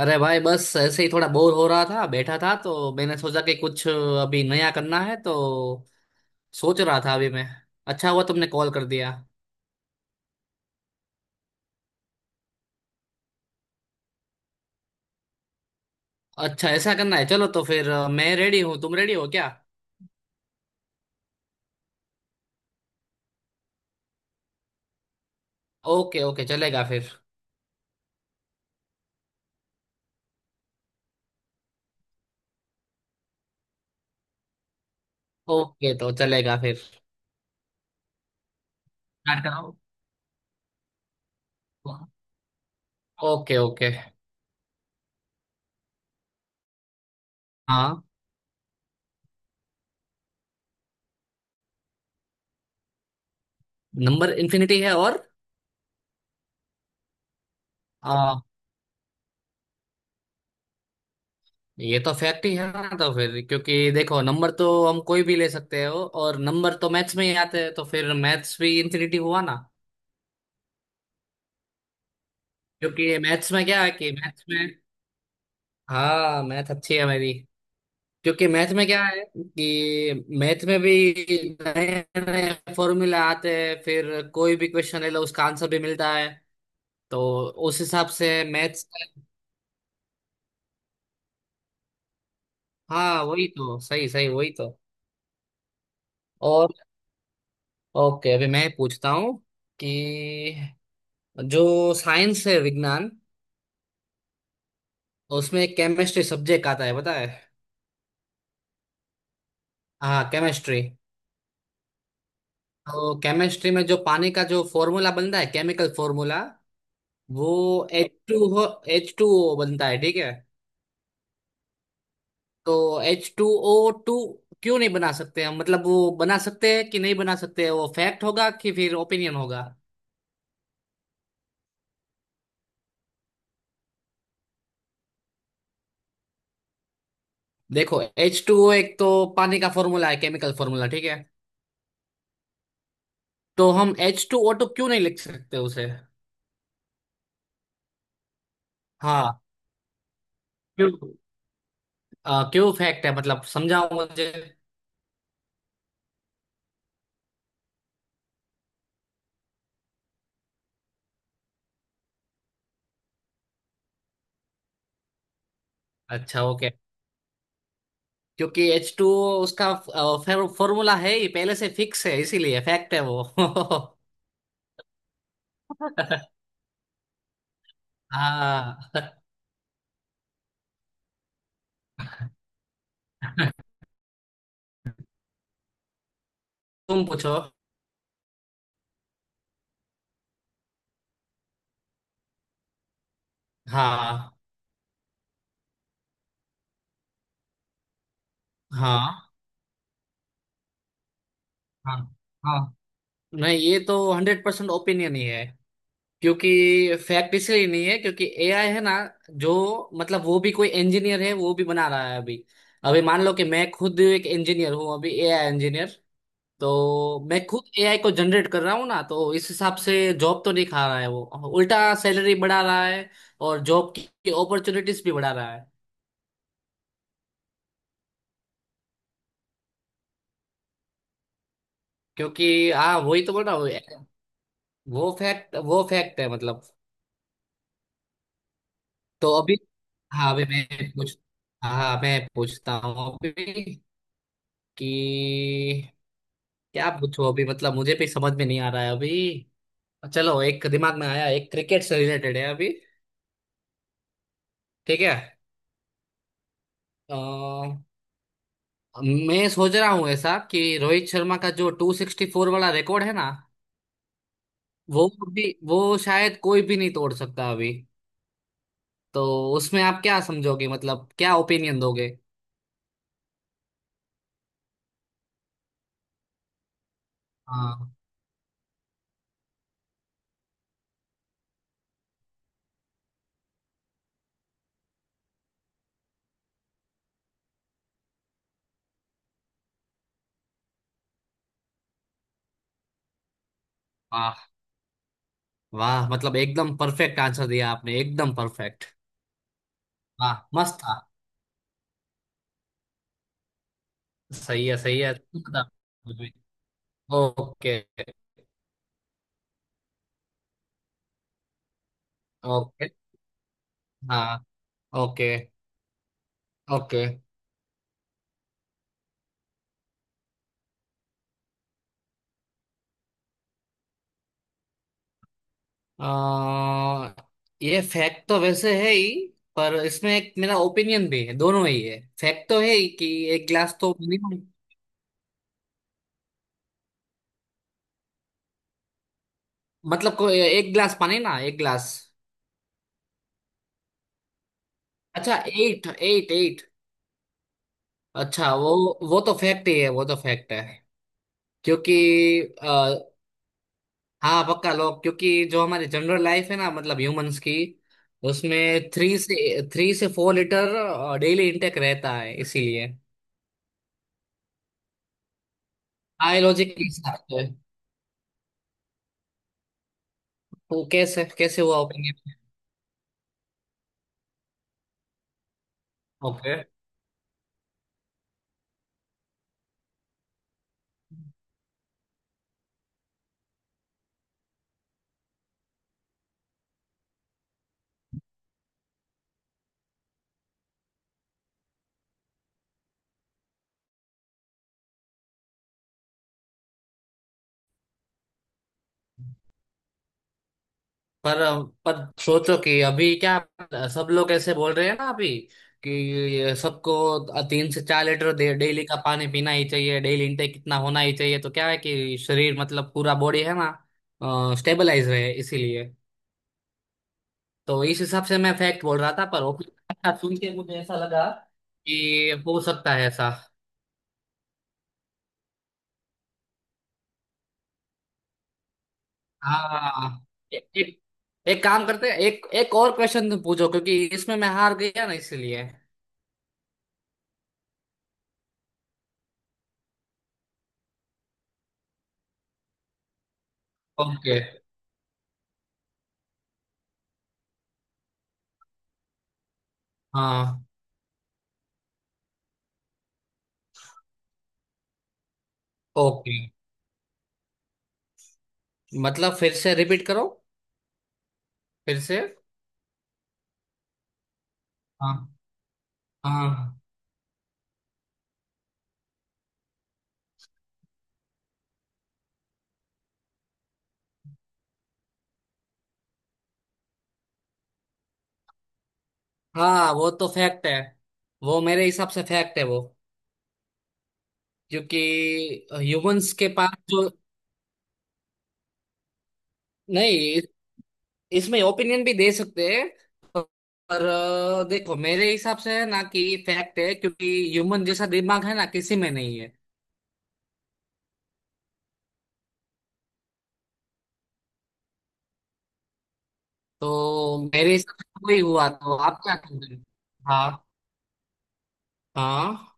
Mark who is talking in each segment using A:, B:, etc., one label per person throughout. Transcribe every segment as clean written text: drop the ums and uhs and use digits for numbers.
A: अरे भाई, बस ऐसे ही थोड़ा बोर हो रहा था, बैठा था तो मैंने सोचा कि कुछ अभी नया करना है तो सोच रहा था अभी मैं। अच्छा हुआ तुमने कॉल कर दिया। अच्छा, ऐसा करना है, चलो तो फिर मैं रेडी हूँ, तुम रेडी हो क्या? ओके ओके, चलेगा फिर। ओके तो चलेगा फिर। स्टार्ट करो। Okay okay. हाँ, नंबर इन्फिनिटी है, और आ, ये तो फैक्ट ही है ना। तो फिर, क्योंकि देखो, नंबर तो हम कोई भी ले सकते हो, और नंबर तो मैथ्स में ही आते हैं, तो फिर मैथ्स भी इन्फिनिटी हुआ ना। क्योंकि मैथ्स में क्या है कि मैथ्स में, हाँ मैथ अच्छी है मेरी। क्योंकि मैथ में क्या है कि मैथ में भी नए नए फॉर्मूला आते हैं, फिर कोई भी क्वेश्चन ले लो उसका आंसर भी मिलता है। तो उस हिसाब से मैथ्स, हाँ वही तो, सही सही, वही तो। और ओके, अभी मैं पूछता हूँ कि जो साइंस है, विज्ञान, उसमें एक केमिस्ट्री सब्जेक्ट आता है, पता है? हाँ, केमिस्ट्री। तो केमिस्ट्री में जो पानी का जो फॉर्मूला बनता है, केमिकल फॉर्मूला, वो एच टू हो H2O बनता है, ठीक है? तो H2O2 क्यों नहीं बना सकते हम? मतलब वो बना सकते हैं कि नहीं बना सकते हैं? वो फैक्ट होगा कि फिर ओपिनियन होगा? देखो, H2O एक तो पानी का फॉर्मूला है, केमिकल फॉर्मूला, ठीक है? तो हम H2O2 क्यों नहीं लिख सकते उसे? हाँ, क्यों? क्यों फैक्ट है, मतलब समझाओ मुझे। अच्छा ओके। क्योंकि H2O उसका फॉर्मूला है ही, पहले से फिक्स है, इसीलिए फैक्ट है वो। हाँ। तुम पूछो। हाँ हाँ हाँ। हाँ नहीं, ये तो 100% ओपिनियन ही है। क्योंकि फैक्ट इसलिए नहीं है, क्योंकि AI है ना जो, मतलब वो भी कोई इंजीनियर है, वो भी बना रहा है अभी। अभी मान लो कि मैं खुद एक इंजीनियर हूँ अभी, AI इंजीनियर। तो मैं खुद AI को जनरेट कर रहा हूँ ना, तो इस हिसाब से जॉब तो नहीं खा रहा है वो, उल्टा सैलरी बढ़ा रहा है और जॉब की अपॉर्चुनिटीज भी बढ़ा रहा है। क्योंकि हाँ, वही तो बोल रहा हूँ। वो फैक्ट, वो फैक्ट है मतलब। तो अभी हाँ, अभी मैं पूछ हाँ मैं पूछता हूँ अभी कि क्या पूछो। अभी मतलब मुझे भी समझ में नहीं आ रहा है अभी। चलो, एक दिमाग में आया, एक क्रिकेट से रिलेटेड है अभी। ठीक है। अ, मैं सोच रहा हूँ ऐसा कि रोहित शर्मा का जो 264 वाला रिकॉर्ड है ना, वो भी, वो शायद कोई भी नहीं तोड़ सकता अभी। तो उसमें आप क्या समझोगे, मतलब क्या ओपिनियन दोगे? हाँ, वाह। वाह, मतलब एकदम परफेक्ट आंसर दिया आपने, एकदम परफेक्ट। वाह, मस्त। सही है, सही है, तुम बताओ। Okay okay. हाँ। Okay okay. आ, ये फैक्ट तो वैसे है ही, पर इसमें एक मेरा ओपिनियन भी है, दोनों ही है, फैक्ट तो है ही कि एक गिलास तो minimum-, मतलब को एक गिलास पानी ना, एक गिलास। अच्छा, एट एट एट। अच्छा वो तो फैक्ट ही है, वो तो फैक्ट है। क्योंकि हाँ पक्का लोग, क्योंकि जो हमारी जनरल लाइफ है ना, मतलब ह्यूमंस की, उसमें 3 से 4 लीटर डेली इंटेक रहता है इसीलिए, बायोलॉजिकली हिसाब से। तो कैसे, कैसे हुआ ओपिनियन? ओके। पर पर सोचो कि अभी क्या, सब लोग ऐसे बोल रहे हैं ना अभी कि सबको 3 से 4 लीटर डेली का पानी पीना ही चाहिए, डेली इंटेक इतना होना ही चाहिए। तो क्या है कि शरीर, मतलब पूरा बॉडी है ना, स्टेबलाइज रहे इसीलिए। तो इस हिसाब से मैं फैक्ट बोल रहा था, पर ओपिनियन अच्छा सुन के मुझे ऐसा लगा कि हो सकता है ऐसा। हाँ, एक एक काम करते हैं, एक एक और क्वेश्चन तुम पूछो क्योंकि इसमें मैं हार गया ना इसलिए। ओके। हाँ ओके, मतलब फिर से रिपीट करो। फिर से। हाँ हाँ हाँ। वो तो फैक्ट है, वो मेरे हिसाब से फैक्ट है वो, क्योंकि ह्यूमंस के पास जो, नहीं इसमें ओपिनियन भी दे सकते हैं, पर देखो मेरे हिसाब से है ना कि फैक्ट है, क्योंकि ह्यूमन जैसा दिमाग है ना किसी में नहीं है। तो मेरे हिसाब से तो वही हुआ, तो आप क्या कहते हैं? हाँ हाँ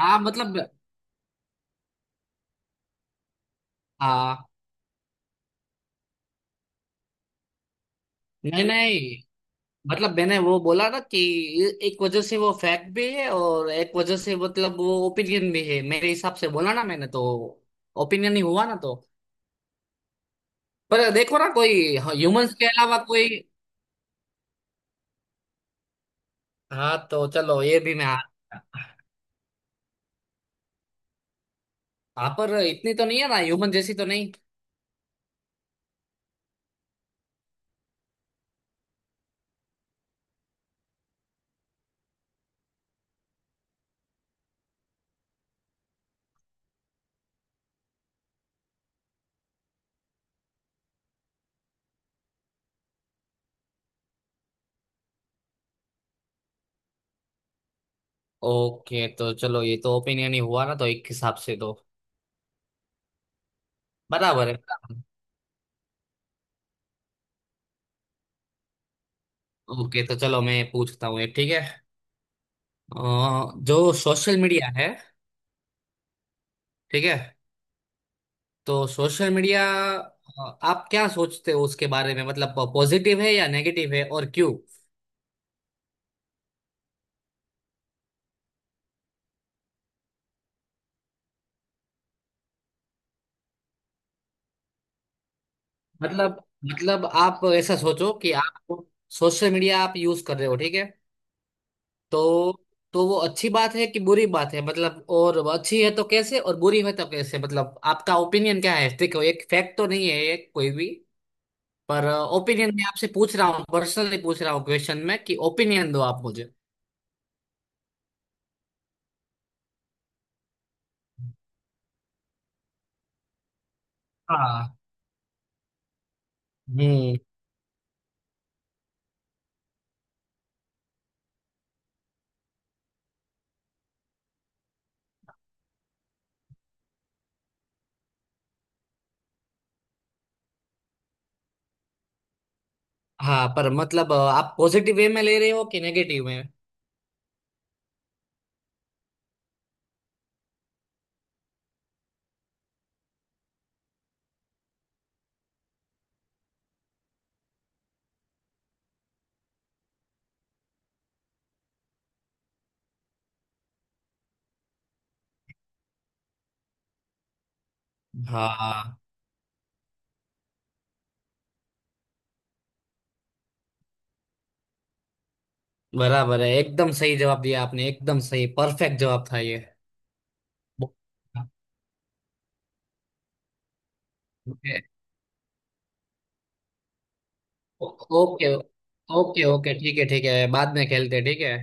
A: हाँ, मतलब हाँ नहीं नहीं, मतलब मैंने वो बोला ना कि एक वजह से वो फैक्ट भी है और एक वजह से मतलब वो ओपिनियन भी है, मेरे हिसाब से बोला ना मैंने, तो ओपिनियन ही हुआ ना तो। पर देखो ना, कोई ह्यूमंस के अलावा कोई, हाँ तो चलो ये भी मैं, हाँ पर इतनी तो नहीं है ना, ह्यूमन जैसी तो नहीं। ओके तो चलो, ये तो ओपिनियन ही हुआ ना तो, एक हिसाब से तो बराबर है, बराबर। ओके तो चलो, मैं पूछता हूँ एक, ठीक है। जो सोशल मीडिया है, ठीक है। तो सोशल मीडिया, आप क्या सोचते हो उसके बारे में? मतलब पॉजिटिव है या नेगेटिव है और क्यों? मतलब मतलब आप ऐसा सोचो कि आप सोशल मीडिया, आप यूज कर रहे हो, ठीक है। तो वो अच्छी बात है कि बुरी बात है, मतलब, और वो अच्छी है तो कैसे, और बुरी है तो कैसे, मतलब आपका ओपिनियन क्या है? देखो, एक फैक्ट तो नहीं है ये कोई भी, पर ओपिनियन मैं आपसे पूछ रहा हूँ, पर्सनली पूछ रहा हूँ क्वेश्चन में कि ओपिनियन दो आप मुझे। हाँ। हम्म। हाँ पर मतलब आप पॉजिटिव वे में ले रहे हो कि नेगेटिव में? हाँ, बराबर है, एकदम सही जवाब दिया आपने, एकदम सही, परफेक्ट जवाब था ये। ओके। ओके ओके ओके ठीक है, ठीक है बाद में खेलते हैं, ठीक है।